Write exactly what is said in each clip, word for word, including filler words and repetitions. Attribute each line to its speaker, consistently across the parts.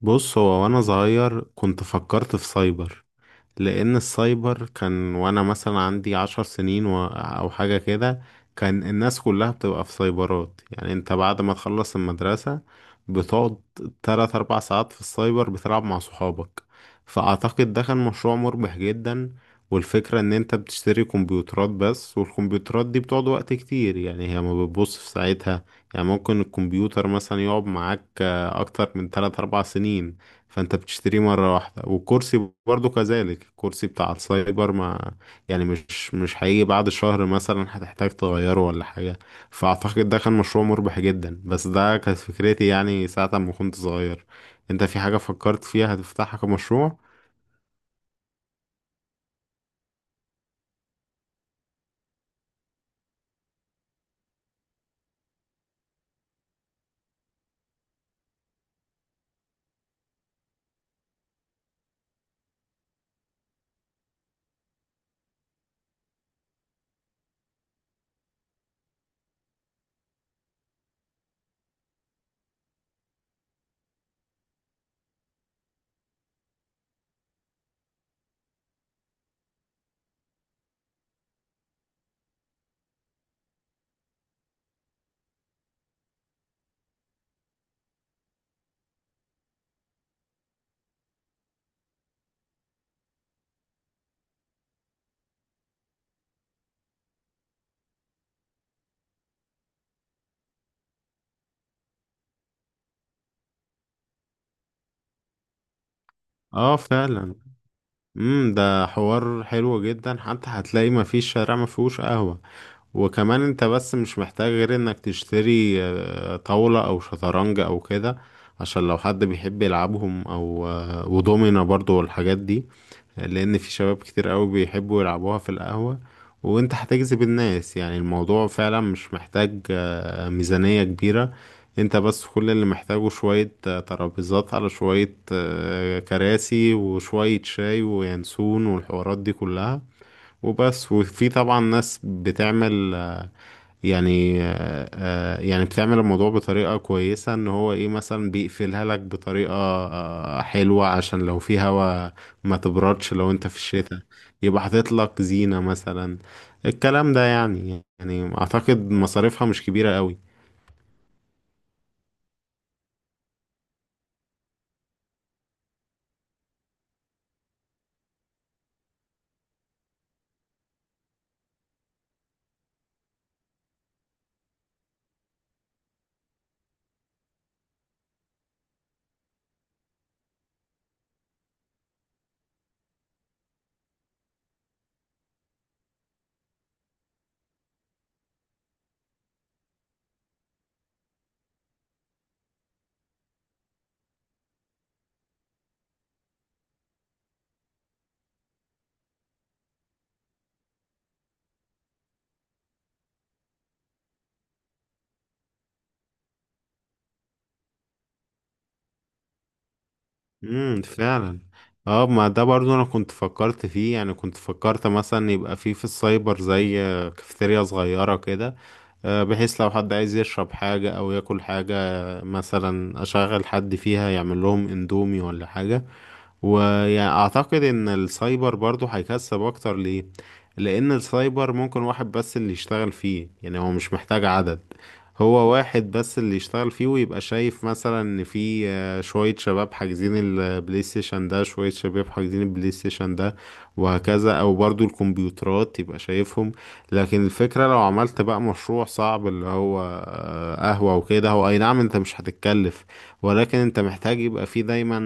Speaker 1: بص، هو وانا صغير كنت فكرت في سايبر. لان السايبر كان وانا مثلا عندي عشر سنين و... او حاجة كده. كان الناس كلها بتبقى في سايبرات. يعني انت بعد ما تخلص المدرسة بتقعد تلات اربع ساعات في السايبر بتلعب مع صحابك. فاعتقد ده كان مشروع مربح جدا. والفكرة ان انت بتشتري كمبيوترات بس، والكمبيوترات دي بتقعد وقت كتير. يعني هي ما بتبص في ساعتها. يعني ممكن الكمبيوتر مثلا يقعد معاك آه، اكتر من ثلاث اربع سنين. فانت بتشتريه مرة واحدة، والكرسي برضو كذلك. الكرسي بتاع السايبر ما يعني مش مش هيجي بعد شهر مثلا هتحتاج تغيره ولا حاجة. فأعتقد ده كان مشروع مربح جدا، بس ده كانت فكرتي يعني ساعة ما كنت صغير. انت في حاجة فكرت فيها هتفتحها كمشروع؟ اه، فعلا. امم ده حوار حلو جدا. حتى هتلاقي ما فيش شارع ما فيهوش قهوة. وكمان انت بس مش محتاج غير انك تشتري آه، طاولة او شطرنج او كده. عشان لو حد بيحب يلعبهم او آه، ودومينا برضو والحاجات دي. لان في شباب كتير قوي بيحبوا يلعبوها في القهوة. وانت هتجذب الناس. يعني الموضوع فعلا مش محتاج آه، ميزانية كبيرة. انت بس كل اللي محتاجه شوية آه، ترابيزات على شوية آه، كراسي وشوية شاي وينسون والحوارات دي كلها. وبس. وفي طبعا ناس بتعمل آه، يعني آه، آه، يعني بتعمل الموضوع بطريقة كويسة. ان هو ايه مثلا بيقفلها لك بطريقة آه، حلوة عشان لو في هوا ما تبردش لو انت في الشتاء. يبقى حاطط لك زينة مثلا. الكلام ده يعني يعني اعتقد مصاريفها مش كبيرة قوي. امم فعلا. اه، ما ده برضو انا كنت فكرت فيه. يعني كنت فكرت مثلا يبقى فيه في السايبر زي كافيتيريا صغيرة كده. آه، بحيث لو حد عايز يشرب حاجة أو ياكل حاجة، مثلا أشغل حد فيها يعمل لهم اندومي ولا حاجة. ويعني اعتقد ان السايبر برضو هيكسب اكتر. ليه؟ لان السايبر ممكن واحد بس اللي يشتغل فيه. يعني هو مش محتاج عدد. هو واحد بس اللي يشتغل فيه ويبقى شايف مثلا ان في آه، شوية شباب حاجزين البلاي ستيشن ده، شوية شباب حاجزين البلاي ستيشن ده، وهكذا. او برضو الكمبيوترات يبقى شايفهم. لكن الفكرة لو عملت بقى مشروع صعب، اللي هو آه، قهوة وكده، هو اي نعم انت مش هتتكلف. ولكن انت محتاج يبقى فيه دايما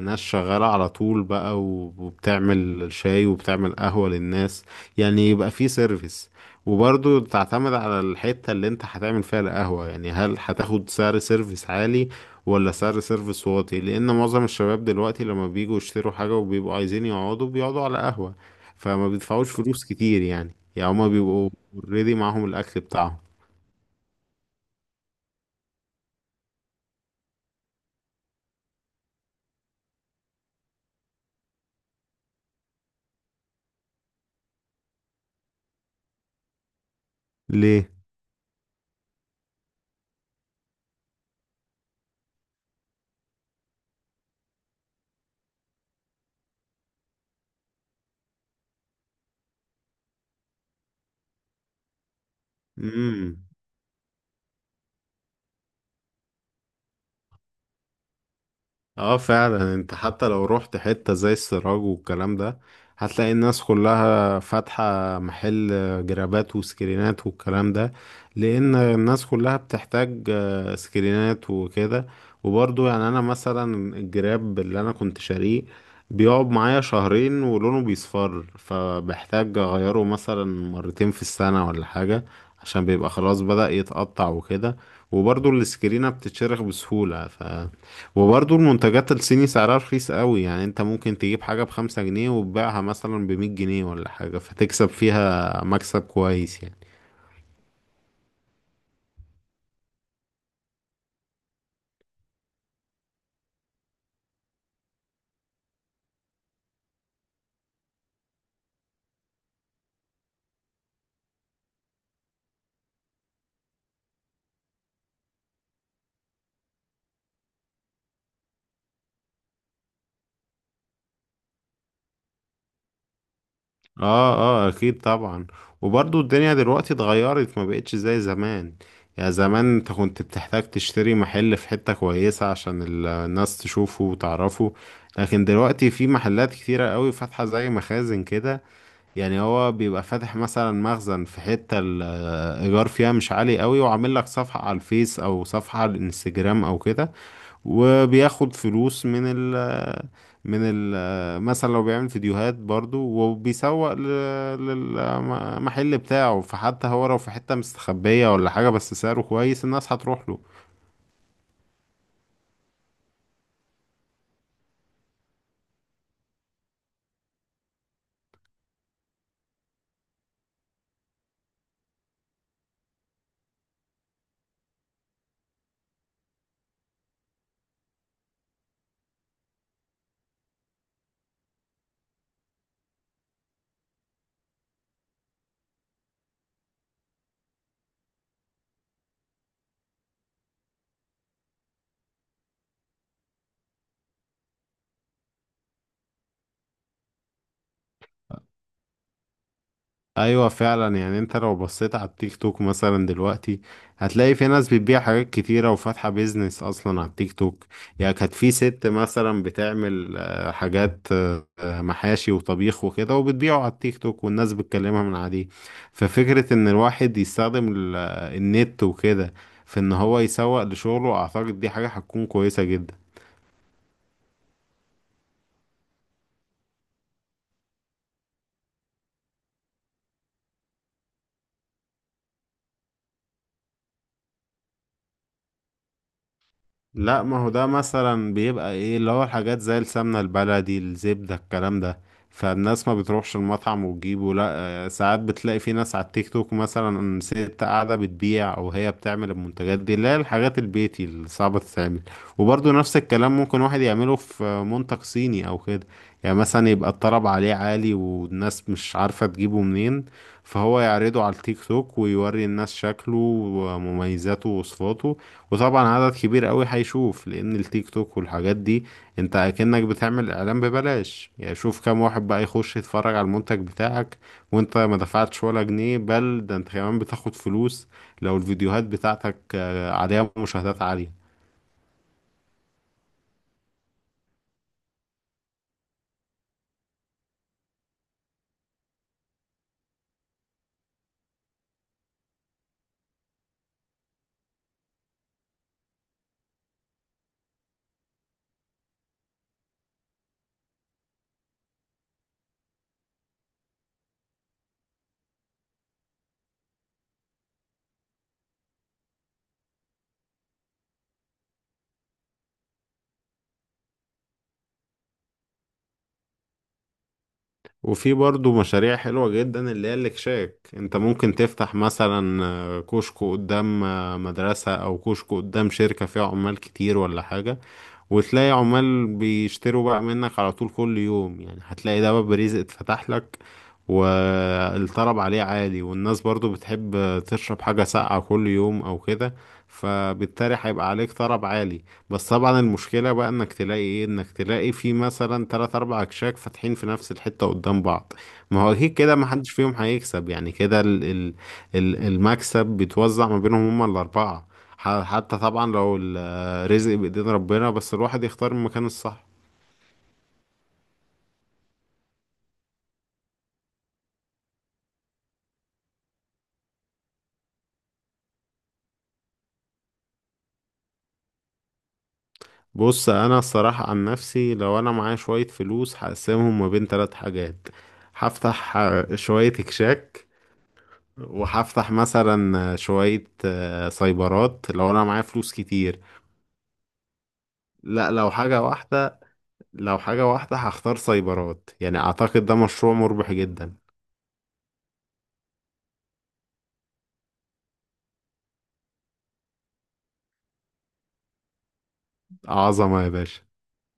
Speaker 1: ناس شغالة على طول بقى و- وبتعمل شاي وبتعمل قهوة للناس. يعني يبقى في سيرفيس. وبرضو تعتمد على الحتة اللي انت هتعمل فيها القهوة. يعني هل هتاخد سعر سيرفيس عالي ولا سعر سيرفيس واطي؟ لان معظم الشباب دلوقتي لما بييجوا يشتروا حاجة وبيبقوا عايزين يقعدوا بيقعدوا على قهوة فما بيدفعوش فلوس كتير. يعني يعني هما بيبقوا اوريدي معاهم الاكل بتاعهم. ليه؟ مم. اه، فعلا. انت حتى لو رحت حتة زي السراج والكلام ده هتلاقي الناس كلها فاتحة محل جرابات وسكرينات والكلام ده. لان الناس كلها بتحتاج آه، سكرينات وكده. وبرضو يعني انا مثلا الجراب اللي انا كنت شاريه بيقعد معايا شهرين ولونه بيصفر، فبحتاج اغيره مثلا مرتين في السنة ولا حاجة عشان بيبقى خلاص بدأ يتقطع وكده. وبرضو السكرينة بتتشرخ بسهولة. ف وبرضه المنتجات الصيني سعرها رخيص قوي. يعني انت ممكن تجيب حاجة بخمسة جنيه وتبيعها مثلا بمية جنيه ولا حاجة فتكسب فيها مكسب كويس يعني. اه، اه، اكيد طبعا. وبرضه الدنيا دلوقتي اتغيرت، ما بقتش زي زمان. يعني زمان انت كنت بتحتاج تشتري محل في حتة كويسة عشان ال- الناس تشوفه وتعرفه. لكن دلوقتي في محلات كتيرة قوي فاتحة زي مخازن كده. يعني هو بيبقى فاتح مثلا مخزن في حتة الإيجار فيها مش عالي قوي، وعامل لك صفحة على الفيس أو صفحة على الانستجرام أو كده. وبياخد فلوس من ال من ال مثلا لو بيعمل فيديوهات برضو وبيسوق للمحل بتاعه. فحتى هو لو في حتة مستخبية ولا حاجة بس سعره كويس الناس هتروح له. ايوه، فعلا. يعني انت لو بصيت على التيك توك مثلا دلوقتي هتلاقي في ناس بتبيع حاجات كتيرة وفاتحة بيزنس اصلا على التيك توك. يعني كانت في ست مثلا بتعمل آه، حاجات آه، آه، محاشي وطبيخ وكده وبتبيعه على التيك توك والناس بتكلمها من عليه. ففكرة ان الواحد يستخدم ال- آه، النت وكده في ان هو يسوق لشغله، اعتقد دي حاجة هتكون كويسة جدا. لا، ما هو ده مثلا بيبقى ايه، اللي هو الحاجات زي السمنة البلدي الزبدة الكلام ده. فالناس ما بتروحش المطعم وتجيبه لا. آه، ساعات بتلاقي في ناس على التيك توك مثلا ست قاعدة بتبيع، او هي بتعمل المنتجات دي اللي هي الحاجات البيتي اللي صعبة تتعمل. وبرضه نفس الكلام ممكن واحد يعمله في منتج صيني او كده. يعني مثلا يبقى الطلب عليه عالي والناس مش عارفة تجيبه منين، فهو يعرضه على التيك توك ويوري الناس شكله ومميزاته ووصفاته. وطبعا عدد كبير قوي هيشوف. لان التيك توك والحاجات دي انت اكنك بتعمل اعلان ببلاش. يعني شوف كام واحد بقى يخش يتفرج على المنتج بتاعك وانت ما دفعتش ولا جنيه. بل ده انت كمان بتاخد فلوس لو الفيديوهات بتاعتك آه، عليها مشاهدات عالية. وفي برضو مشاريع حلوة جدا اللي هي الاكشاك. انت ممكن تفتح مثلا آه، كشك قدام آه، مدرسة، او كشك قدام شركة فيها عمال كتير ولا حاجة. وتلاقي عمال بيشتروا بقى منك على طول كل يوم. يعني هتلاقي ده باب رزق اتفتح لك. والطلب عليه عالي والناس برضو بتحب تشرب حاجة ساقعة كل يوم أو كده، فبالتالي هيبقى عليك طلب عالي. بس طبعا المشكلة بقى انك تلاقي ايه انك تلاقي في مثلا تلات اربع اكشاك فاتحين في نفس الحتة قدام بعض. ما هو اكيد كده محدش فيهم هيكسب يعني كده ال ال ال- المكسب بيتوزع ما بينهم هما الاربعة. ح- حتى طبعا لو ال رزق بإيدين ربنا، بس الواحد يختار المكان الصح. بص، انا الصراحة عن نفسي لو انا معايا شوية فلوس هقسمهم ما بين ثلاث حاجات. هفتح آه، شوية كشاك، وهفتح مثلا آه، شوية آه، سايبرات لو انا معايا فلوس كتير. لا، لو حاجة واحدة، لو حاجة واحدة هختار سايبرات. يعني اعتقد ده مشروع مربح جدا. عظمة يا باشا.